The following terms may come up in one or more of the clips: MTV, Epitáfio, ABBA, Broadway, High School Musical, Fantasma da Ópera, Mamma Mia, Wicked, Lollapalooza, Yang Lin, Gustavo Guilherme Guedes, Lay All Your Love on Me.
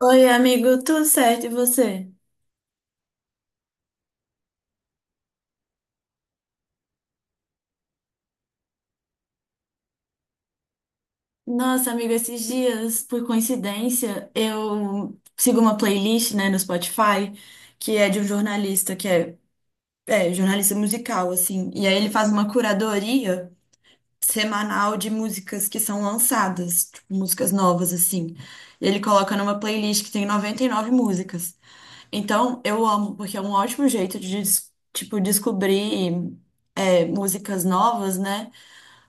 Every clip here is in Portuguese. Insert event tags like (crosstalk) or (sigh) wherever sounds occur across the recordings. Oi, amigo, tudo certo e você? Nossa, amigo, esses dias, por coincidência, eu sigo uma playlist, né, no Spotify, que é de um jornalista, que é jornalista musical, assim, e aí ele faz uma curadoria semanal de músicas que são lançadas, tipo, músicas novas, assim. E ele coloca numa playlist que tem 99 músicas. Então, eu amo, porque é um ótimo jeito de, descobrir, músicas novas, né?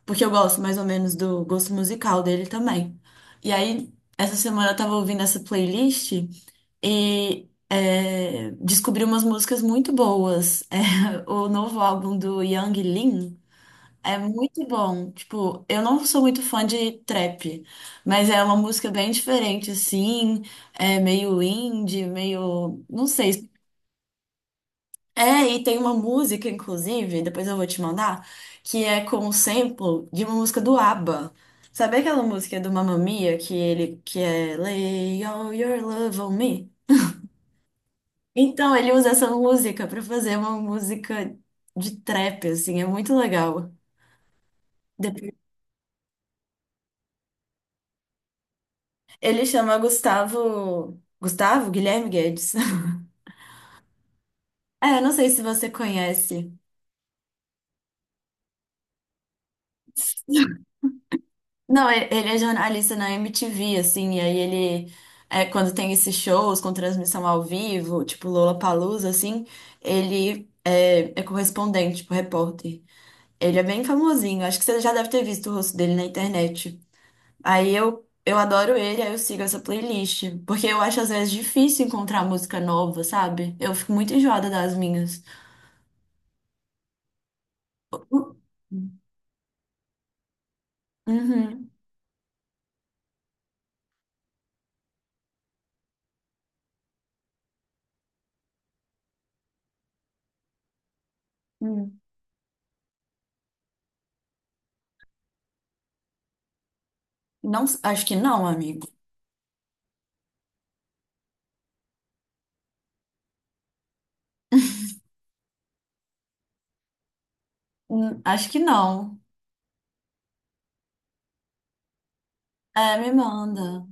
Porque eu gosto mais ou menos do gosto musical dele também. E aí, essa semana eu tava ouvindo essa playlist e descobri umas músicas muito boas. (laughs) É, o novo álbum do Yang Lin é muito bom. Tipo, eu não sou muito fã de trap, mas é uma música bem diferente, assim, é meio indie, meio, não sei. E tem uma música, inclusive, depois eu vou te mandar, que é com um sample de uma música do ABBA. Sabe aquela música do Mamma Mia que ele que é Lay All Your Love on Me? Então ele usa essa música pra fazer uma música de trap, assim, é muito legal. Depois- Ele chama Gustavo, Gustavo Guilherme Guedes. (laughs) É, não sei se você conhece. Não, ele é jornalista na MTV, assim, quando tem esses shows com transmissão ao vivo, tipo Lollapalooza, assim, é correspondente, tipo repórter. Ele é bem famosinho, acho que você já deve ter visto o rosto dele na internet. Eu adoro ele, aí eu sigo essa playlist, porque eu acho às vezes difícil encontrar música nova, sabe? Eu fico muito enjoada das minhas. Uhum. Hum. Não, acho que não, amigo. (laughs) Acho que não. É, me manda.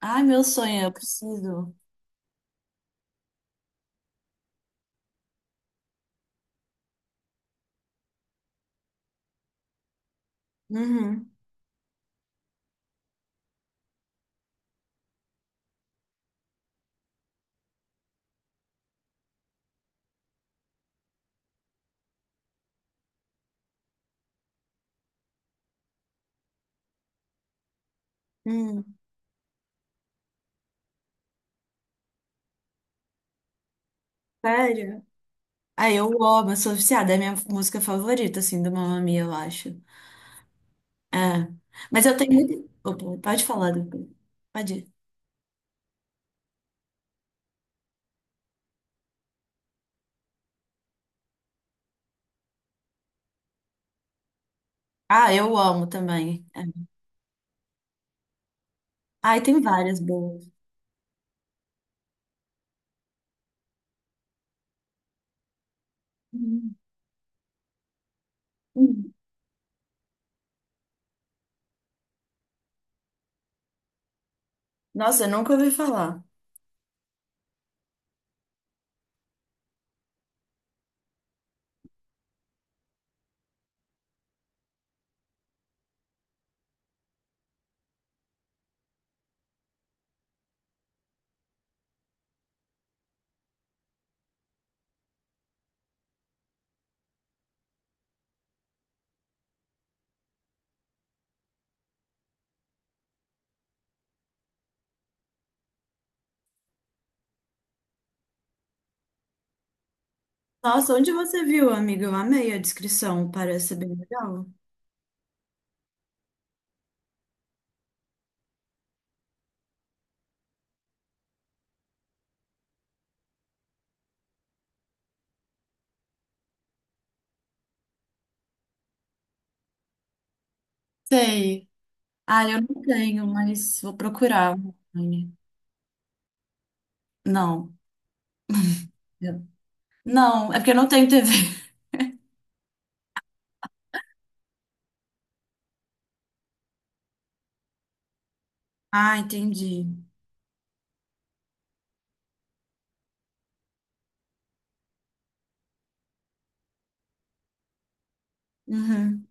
Ai, meu sonho, eu preciso. Uhum. Hum. Sério? Ah, eu amo, eu sou viciada, é a minha música favorita, assim, do Mamma Mia, eu acho. É. Mas eu tenho muito. Opa, pode falar depois. Pode ir. Ah, eu amo também. É. Ai, tem várias boas. Uhum. Uhum. Nossa, eu nunca ouvi falar. Nossa, onde você viu, amiga? Eu amei a descrição, parece bem legal. Sei. Ah, eu não tenho, mas vou procurar. Não. eu- Não, é porque eu não tenho TV. Ah, entendi. Uhum.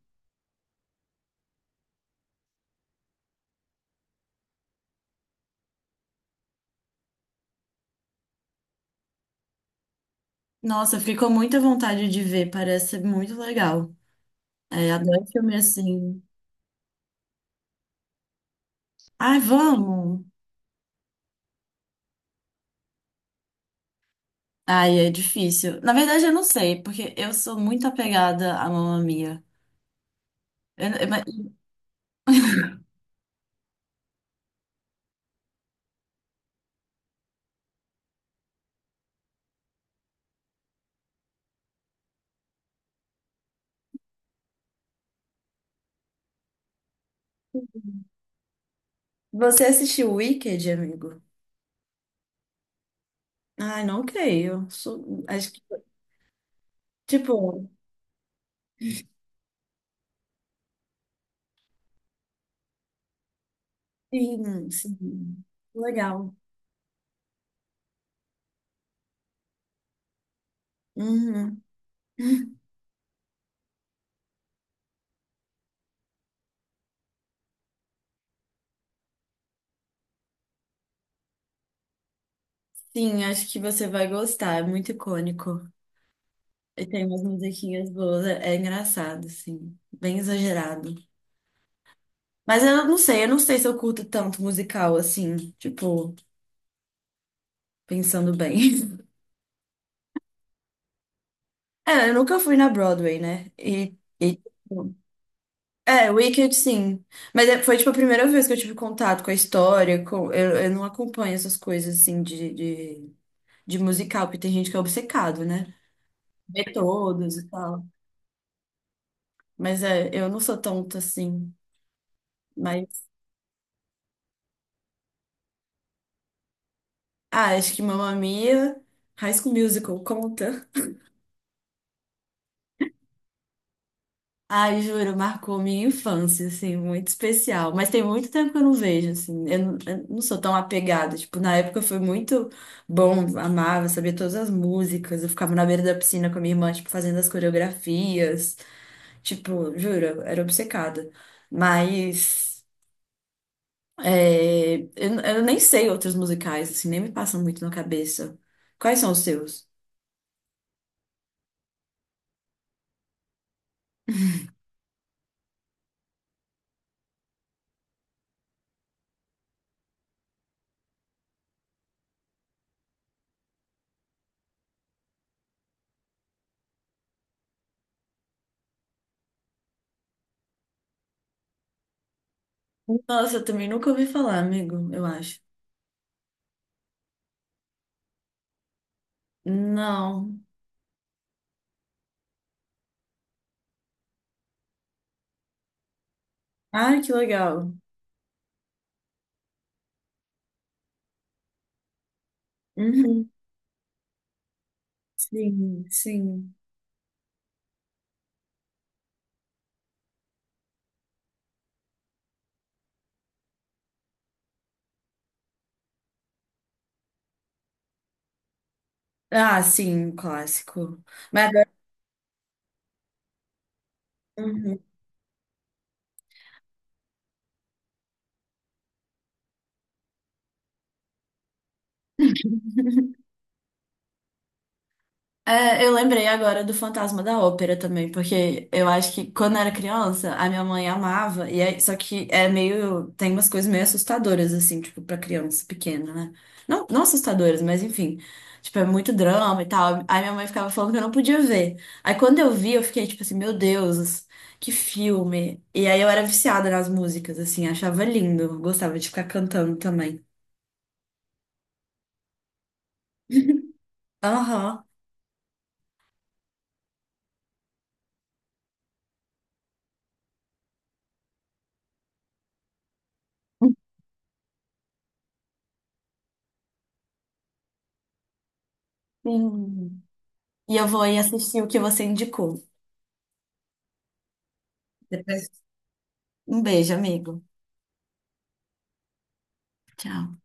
Nossa, ficou muita vontade de ver, parece ser muito legal. É, adoro filme assim. Ai, vamos! Ai, é difícil. Na verdade, eu não sei, porque eu sou muito apegada à Mamma Mia. Eu- eu- mas- Você assistiu Wicked, amigo? Ai, não creio. Acho que, tipo, sim, sim. Legal. Uhum. Sim, acho que você vai gostar, é muito icônico. E tem umas musiquinhas boas, é engraçado, assim, bem exagerado. Mas eu não sei se eu curto tanto musical, assim, tipo, pensando bem. (laughs) É, eu nunca fui na Broadway, né? E tipo, é, Wicked, sim. Foi, tipo, a primeira vez que eu tive contato com a história, eu não acompanho essas coisas, assim, de musical, porque tem gente que é obcecado, né? Vê todos e tal. Mas é, eu não sou tonta, assim. Ah, acho que Mamma Mia, High School Musical, conta. Ai, juro, marcou minha infância, assim, muito especial. Mas tem muito tempo que eu não vejo, assim, eu não sou tão apegada. Tipo, na época foi muito bom, amava, sabia todas as músicas. Eu ficava na beira da piscina com a minha irmã, tipo, fazendo as coreografias. Tipo, juro, eu era obcecada. Mas é, eu nem sei outros musicais, assim, nem me passam muito na cabeça. Quais são os seus? Nossa, eu também nunca ouvi falar, amigo, eu acho. Não. Ai, que legal. Uhum. Sim, sim. Ah, sim, um clássico. Mas, agora- Uhum. É, eu lembrei agora do Fantasma da Ópera também, porque eu acho que quando eu era criança, a minha mãe amava, e aí, só que é meio, tem umas coisas meio assustadoras, assim, tipo, pra criança pequena, né? Não, não assustadoras, mas enfim, tipo, é muito drama e tal. Aí minha mãe ficava falando que eu não podia ver. Aí quando eu vi, eu fiquei tipo assim, meu Deus, que filme. E aí eu era viciada nas músicas, assim, achava lindo, gostava de ficar cantando também. Aham. Sim. E eu vou aí assistir o que você indicou. Depois um beijo, amigo. Tchau.